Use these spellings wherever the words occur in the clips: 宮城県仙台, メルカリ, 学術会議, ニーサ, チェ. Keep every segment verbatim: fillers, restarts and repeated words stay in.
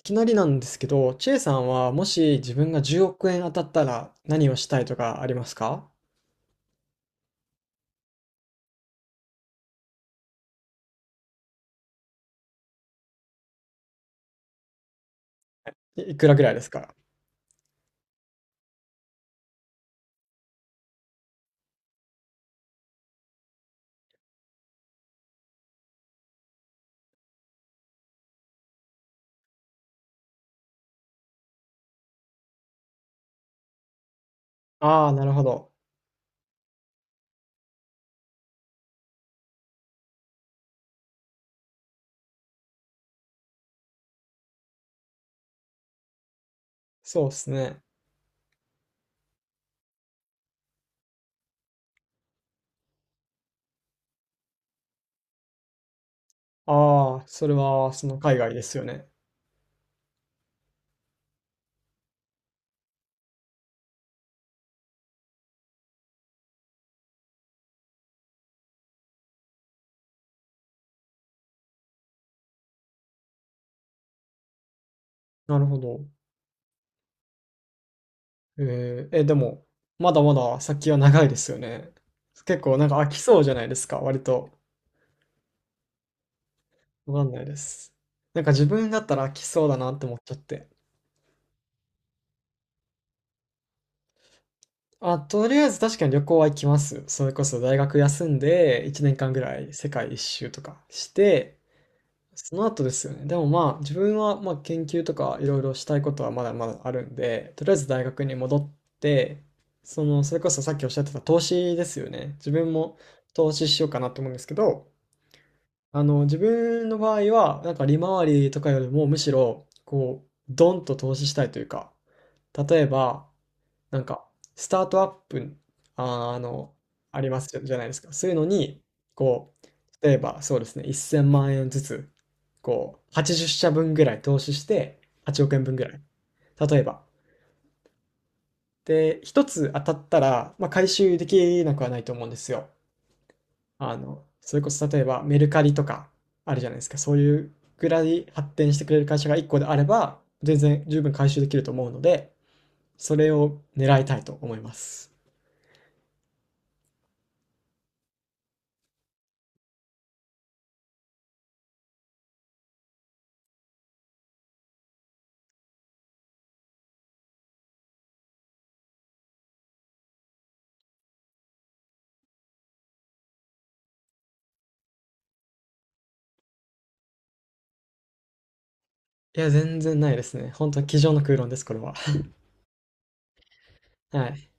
いきなりなんですけど、チェさんはもし自分がじゅうおく円当たったら何をしたいとかありますか？いいくらぐらいですか？ああ、なるほど。そうですね。ああ、それは、その海外ですよね。なるほど。えー、え、でも、まだまだ先は長いですよね。結構なんか飽きそうじゃないですか、割と。わかんないです。なんか自分だったら飽きそうだなって思っちゃって。あ、とりあえず確かに旅行は行きます。それこそ大学休んでいちねんかんぐらい世界一周とかして、その後ですよね。でもまあ自分はまあ研究とかいろいろしたいことはまだまだあるんで、とりあえず大学に戻って、その、それこそさっきおっしゃってた投資ですよね。自分も投資しようかなと思うんですけど、あの、自分の場合は、なんか利回りとかよりもむしろ、こう、ドンと投資したいというか、例えば、なんか、スタートアップ、あー、あの、ありますじゃないですか。そういうのに、こう、例えばそうですね、せんまん円ずつ、こう、はちじゅう社分ぐらい投資して、はちおく円分ぐらい。例えば。で、一つ当たったら、まあ、回収できなくはないと思うんですよ。あの、それこそ例えばメルカリとかあるじゃないですか。そういうぐらい発展してくれる会社がいっこであれば、全然十分回収できると思うので、それを狙いたいと思います。いや、全然ないですね。本当に机上の空論です、これは。はい。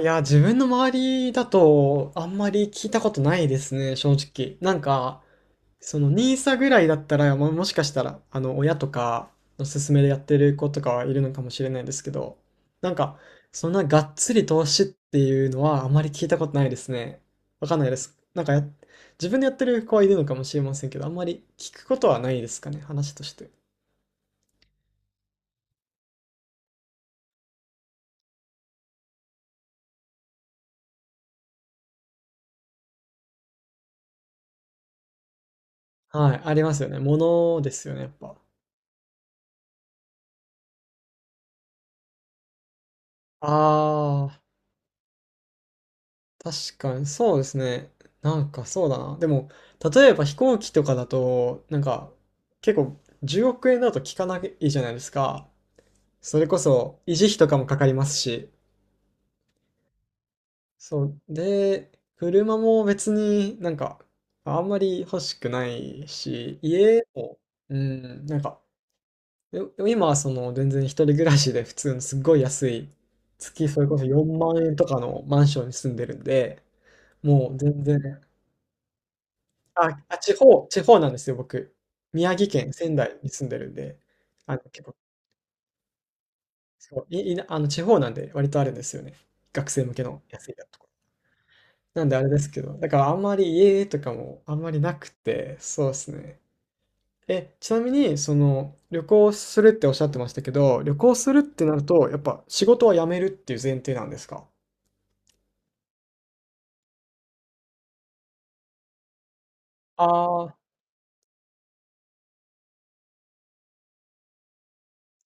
いや、自分の周りだとあんまり聞いたことないですね、正直。なんか、そのニーサぐらいだったら、ももしかしたら、あの、親とかの勧めでやってる子とかはいるのかもしれないんですけど、なんか、そんながっつり投資っていうのはあまり聞いたことないですね。わかんないです。なんかや、自分でやってる子はいるのかもしれませんけど、あんまり聞くことはないですかね、話として。はい、ありますよね。ものですよね、やっぱ。ああ、確かに、そうですね。なんかそうだな。でも、例えば飛行機とかだと、なんか、結構、じゅうおく円だと効かないじゃないですか。それこそ、維持費とかもかかりますし。そう。で、車も別になんか、あんまり欲しくないし、家も、うん、なんか、よ今はその、全然一人暮らしで普通のすっごい安い、月それこそよんまん円とかのマンションに住んでるんで、もう全然、あ、あ、地方地方なんですよ、僕。宮城県仙台に住んでるんで、あの、結構、そう、いいなあの、地方なんで割とあるんですよね。学生向けの安いやとこ。なんであれですけど、だからあんまり家とかもあんまりなくて、そうですね。え、ちなみに、その、旅行するっておっしゃってましたけど、旅行するってなると、やっぱ仕事は辞めるっていう前提なんですか？ああ、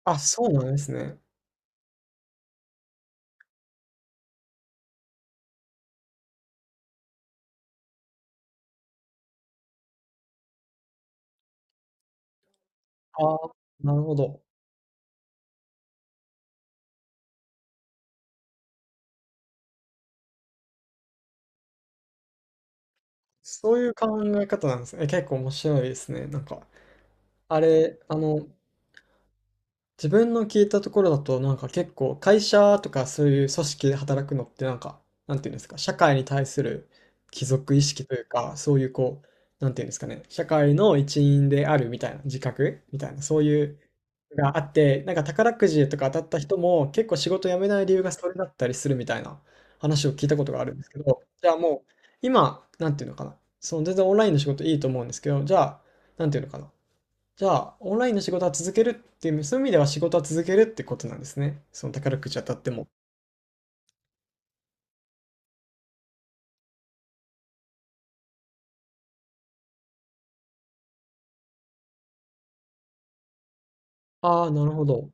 あ、そうなんですね。ああ、なるほど。そういう考え方なんですね。え、結構面白いですね、なんか。あれ、あの、自分の聞いたところだと、なんか結構会社とかそういう組織で働くのってなんか、なんていうんですか、社会に対する帰属意識というか、そういうこう、なんていうんですかね、社会の一員であるみたいな、自覚みたいな、そういうのがあって、なんか宝くじとか当たった人も結構仕事辞めない理由がそれだったりするみたいな話を聞いたことがあるんですけど、じゃあもう、今、なんていうのかな、その全然オンラインの仕事いいと思うんですけど、じゃあ、なんていうのかな。じゃあ、オンラインの仕事は続けるっていう、そういう意味では仕事は続けるってことなんですね。その宝くじ当たっても。ああ、なるほど。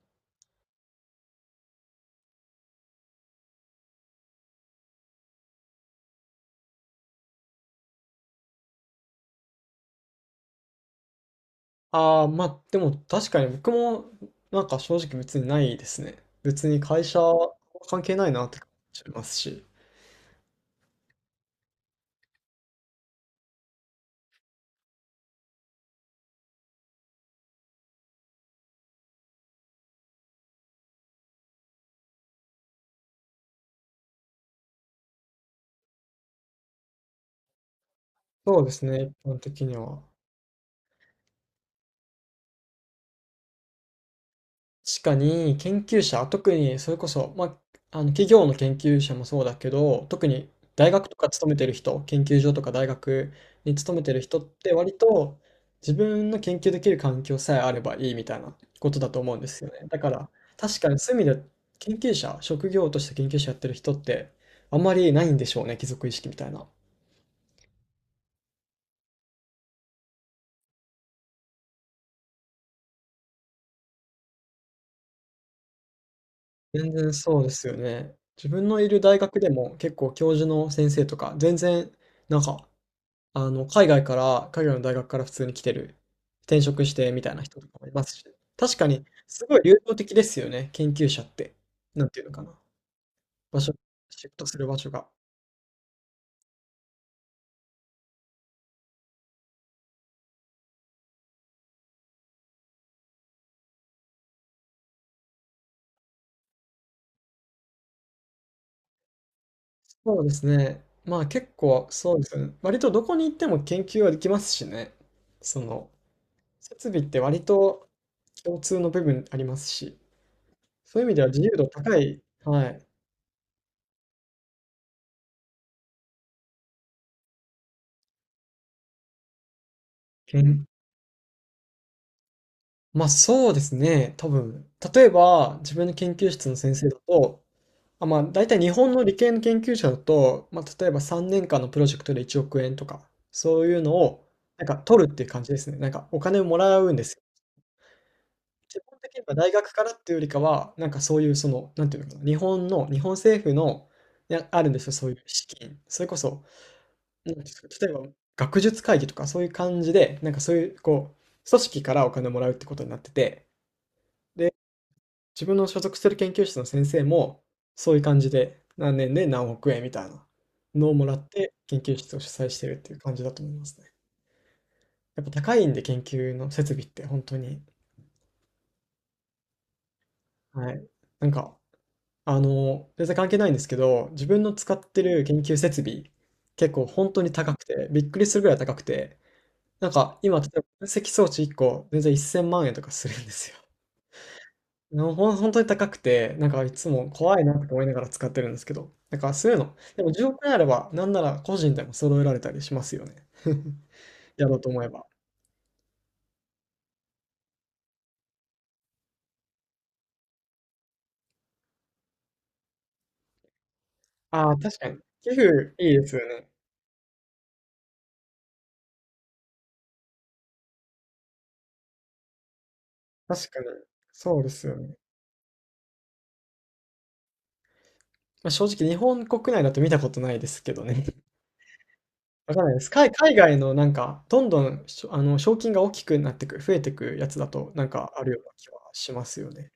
ああ、まあ、でも確かに僕も、なんか正直別にないですね。別に会社は関係ないなって感じますし。そうですね、一般的には。確かに研究者、特にそれこそ、まあ、あの企業の研究者もそうだけど、特に大学とか勤めてる人、研究所とか大学に勤めてる人って割と自分の研究できる環境さえあればいいみたいなことだと思うんですよね。だから確かにそういう意味で研究者、職業として研究者やってる人ってあんまりないんでしょうね、貴族意識みたいな。全然そうですよね。自分のいる大学でも結構教授の先生とか全然なんかあの、海外から、海外の大学から普通に来てる、転職してみたいな人とかもいますし、確かにすごい流動的ですよね、研究者って。なんていうのかな、場所シフトする場所が。そうですね。まあ結構そうですよね。割とどこに行っても研究はできますしね。その、設備って割と共通の部分ありますし、そういう意味では自由度高い、はい、研まあそうですね、多分。例えば、自分の研究室の先生だと、あ、まあ、大体日本の理系の研究者だと、まあ、例えばさんねんかんのプロジェクトでいちおく円とか、そういうのを、なんか取るっていう感じですね。なんかお金をもらうんですよ。基本的には大学からっていうよりかは、なんかそういうその、なんていうのかな、日本の、日本政府の、いやあるんですよ、そういう資金。それこそ、なんていうんですか、例えば学術会議とかそういう感じで、なんかそういう、こう、組織からお金をもらうってことになってて、自分の所属する研究室の先生も、そういう感じで、何年で何億円みたいなのをもらって、研究室を主催してるっていう感じだと思いますね。やっぱ高いんで、研究の設備ってほんとに。はい。なんか、あの、全然関係ないんですけど、自分の使ってる研究設備、結構ほんとに高くて、びっくりするぐらい高くて、なんか今、例えば分析装置いっこ、全然せんまん円とかするんですよ。のほん、本当に高くて、なんかいつも怖いなって思いながら使ってるんですけど、なんかそういうの、でもじゅうおく円あれば、なんなら個人でも揃えられたりしますよね。やろうと思えば。ああ、確かに。寄付いいですよね。確かに。そうですよね。まあ、正直日本国内だと見たことないですけどね。わかんないです。海、海外のなんか、どんどんしょ、あの、賞金が大きくなってく、増えてくやつだと、なんかあるような気はしますよね。